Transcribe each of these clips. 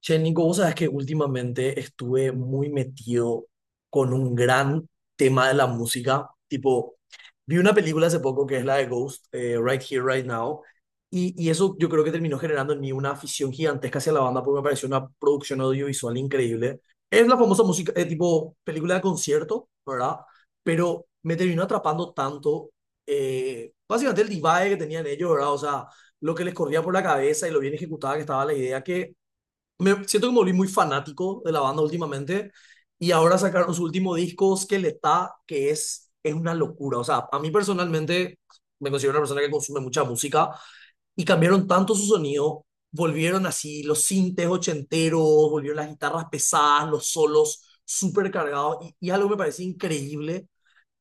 Che, Nico, vos sabés que últimamente estuve muy metido con un gran tema de la música. Tipo, vi una película hace poco que es la de Ghost, Right Here, Right Now. Y eso yo creo que terminó generando en mí una afición gigantesca hacia la banda porque me pareció una producción audiovisual increíble. Es la famosa música, tipo, película de concierto, ¿verdad? Pero me terminó atrapando tanto, básicamente el divague que tenían ellos, ¿verdad? O sea, lo que les corría por la cabeza y lo bien ejecutada que estaba la idea que me siento que me volví muy fanático de la banda últimamente y ahora sacaron su último disco, Skeletal, que es una locura. O sea, a mí personalmente me considero una persona que consume mucha música y cambiaron tanto su sonido, volvieron así los sintes ochenteros, volvieron las guitarras pesadas, los solos súper cargados y algo que me parece increíble.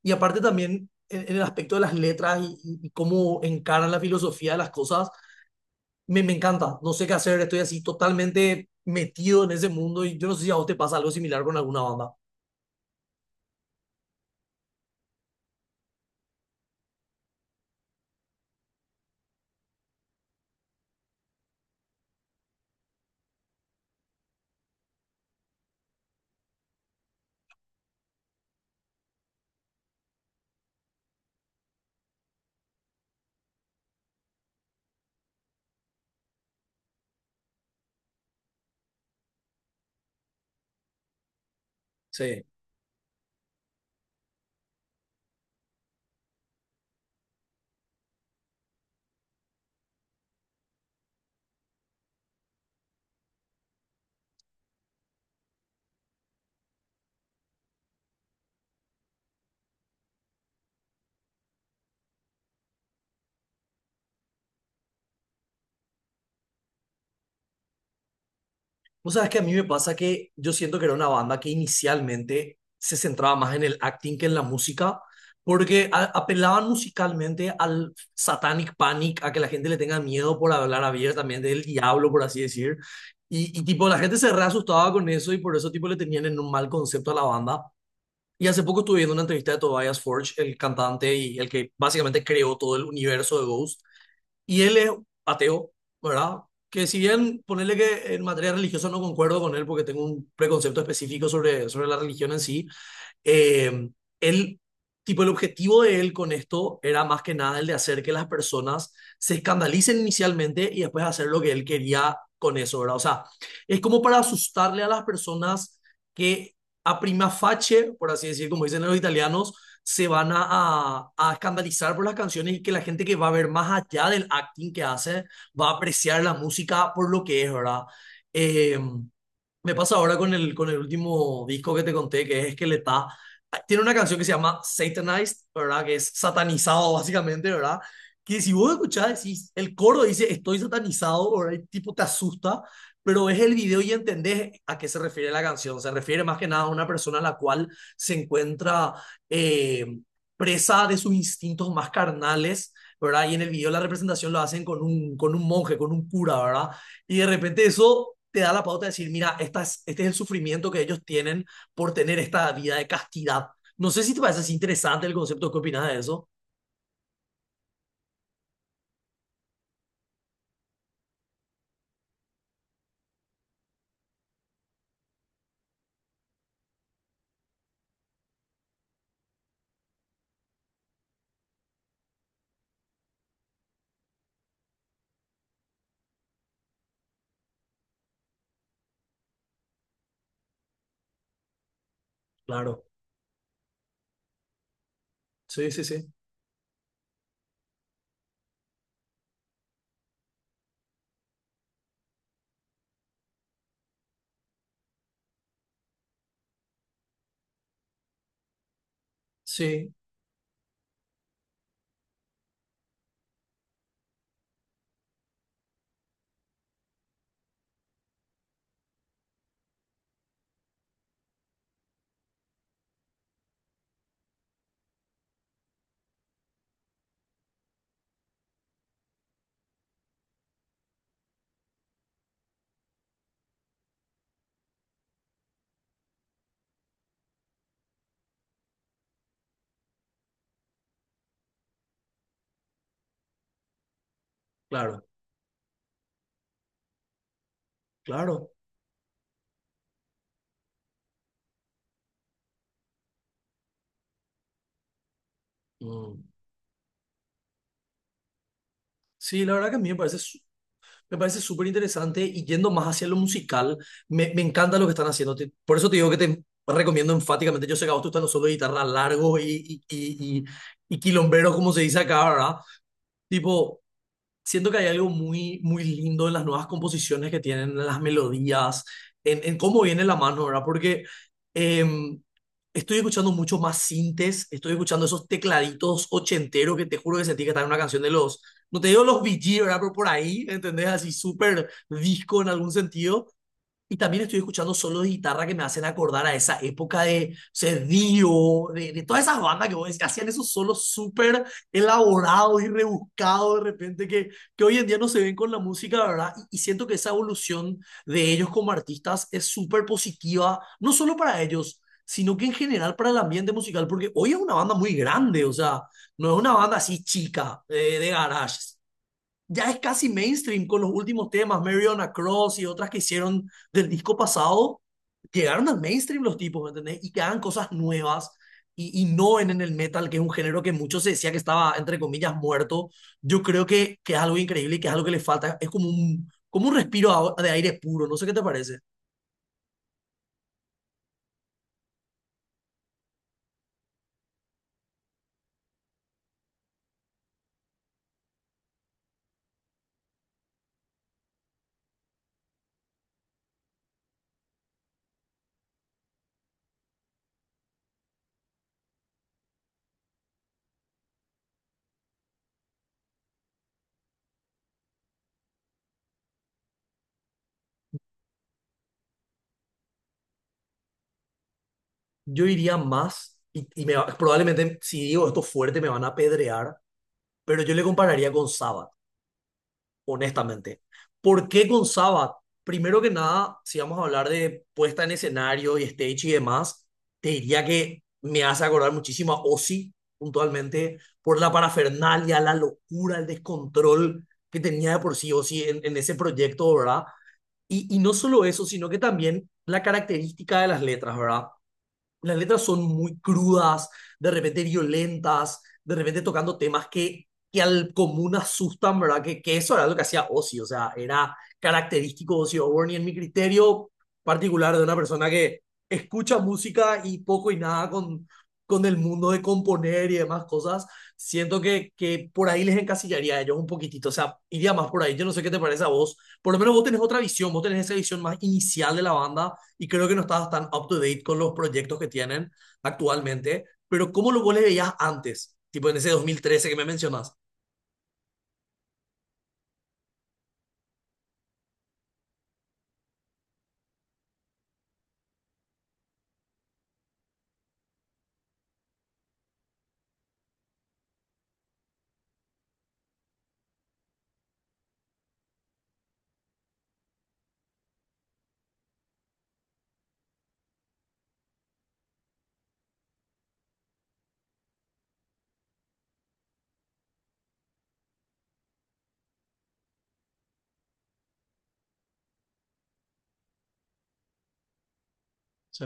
Y aparte también en el aspecto de las letras y cómo encaran la filosofía de las cosas me encanta, no sé qué hacer, estoy así totalmente metido en ese mundo y yo no sé si a vos te pasa algo similar con alguna banda. Sí. Vos sabés que a mí me pasa que yo siento que era una banda que inicialmente se centraba más en el acting que en la música, porque apelaban musicalmente al satanic panic, a que la gente le tenga miedo por hablar abiertamente del diablo, por así decir. Y tipo, la gente se re asustaba con eso y por eso tipo le tenían en un mal concepto a la banda. Y hace poco estuve viendo una entrevista de Tobias Forge, el cantante y el que básicamente creó todo el universo de Ghost. Y él es ateo, ¿verdad? Que si bien ponerle que en materia religiosa no concuerdo con él porque tengo un preconcepto específico sobre la religión en sí, eh, él, tipo, el objetivo de él con esto era más que nada el de hacer que las personas se escandalicen inicialmente y después hacer lo que él quería con eso, ¿verdad? O sea, es como para asustarle a las personas que a prima facie, por así decir, como dicen los italianos, se van a escandalizar por las canciones y que la gente que va a ver más allá del acting que hace va a apreciar la música por lo que es, ¿verdad? Em, Me pasa ahora con con el último disco que te conté, que es que le está... Tiene una canción que se llama Satanized, ¿verdad? Que es satanizado, básicamente, ¿verdad? Que si vos escuchás, decís, el coro dice, estoy satanizado, ¿verdad? Y tipo te asusta, pero ves el video y entendés a qué se refiere la canción. Se refiere más que nada a una persona a la cual se encuentra eh, presa de sus instintos más carnales, ¿verdad? Y en el video la representación lo hacen con con un monje, con un cura, ¿verdad? Y de repente eso te da la pauta de decir, mira, este es el sufrimiento que ellos tienen por tener esta vida de castidad. No sé si te parece así interesante el concepto, ¿qué opinas de eso? Claro, sí, sí, sí, sí, claro, claro. Mm. Sí, la verdad que a mí me parece, me parece súper interesante y yendo más hacia lo musical, me encanta lo que están haciendo. Por eso te digo que te recomiendo enfáticamente, yo sé que a vos te gustan los solos de guitarra largos y quilomberos, como se dice acá, ¿verdad? Tipo... Siento que hay algo muy, muy lindo en las nuevas composiciones que tienen, en las melodías, en cómo viene la mano, ¿verdad? Porque em, estoy escuchando mucho más sintes, estoy escuchando esos tecladitos ochenteros que te juro que sentí que estaba en una canción de los, no te digo los Bee Gees, ¿verdad? Pero por ahí, ¿entendés? Así súper disco en algún sentido. Y también estoy escuchando solos de guitarra que me hacen acordar a esa época de, o sea, Dio, de todas esas bandas que vos decís, que hacían esos solos súper elaborados y rebuscados de repente que hoy en día no se ven con la música, ¿verdad? Y siento que esa evolución de ellos como artistas es súper positiva, no solo para ellos, sino que en general para el ambiente musical, porque hoy es una banda muy grande, o sea, no es una banda así chica, de garage ya es casi mainstream con los últimos temas, Mary on a Cross y otras que hicieron del disco pasado, llegaron al mainstream los tipos, ¿me entendés? Y que hagan cosas nuevas y no en el metal, que es un género que muchos se decía que estaba, entre comillas, muerto. Yo creo que es algo increíble y que es algo que le falta. Es como un respiro de aire puro, no sé qué te parece. Yo iría más, y me probablemente si digo esto fuerte me van a apedrear, pero yo le compararía con Sabbath. Honestamente. ¿Por qué con Sabbath? Primero que nada, si vamos a hablar de puesta en escenario y stage y demás, te diría que me hace acordar muchísimo a Ozzy, puntualmente, por la parafernalia, la locura, el descontrol que tenía de por sí Ozzy en ese proyecto, ¿verdad? Y no solo eso, sino que también la característica de las letras, ¿verdad? Las letras son muy crudas, de repente violentas, de repente tocando temas que al común asustan, ¿verdad? Que eso era lo que hacía Ozzy, o sea, era característico de Ozzy Osbourne y en mi criterio particular de una persona que escucha música y poco y nada con el mundo de componer y demás cosas, siento que por ahí les encasillaría a ellos un poquitito, o sea, iría más por ahí, yo no sé qué te parece a vos, por lo menos vos tenés otra visión, vos tenés esa visión más inicial de la banda y creo que no estabas tan up to date con los proyectos que tienen actualmente, pero ¿cómo lo vos le veías antes? Tipo en ese 2013 que me mencionas. Sí.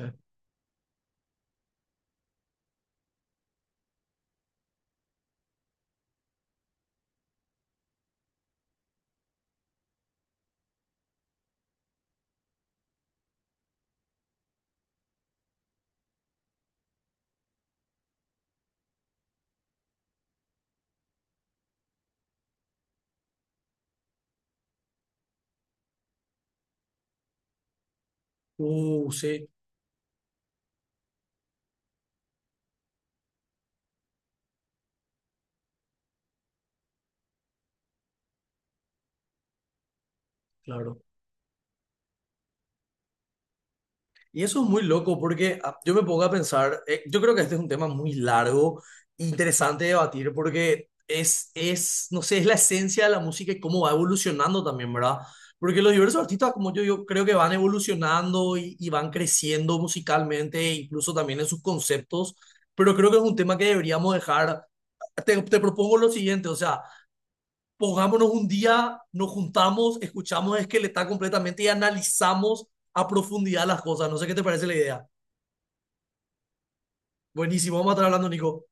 Sí, claro. Y eso es muy loco porque ah, yo me pongo a pensar, yo creo que este es un tema muy largo e interesante de debatir porque es, no sé, es la esencia de la música y cómo va evolucionando también, ¿verdad? Porque los diversos artistas, como yo creo que van evolucionando y van creciendo musicalmente, e incluso también en sus conceptos, pero creo que es un tema que deberíamos dejar. Te propongo lo siguiente, o sea, pongámonos un día, nos juntamos, escuchamos Esqueleta completamente y analizamos a profundidad las cosas. No sé qué te parece la idea. Buenísimo, vamos a estar hablando, Nico.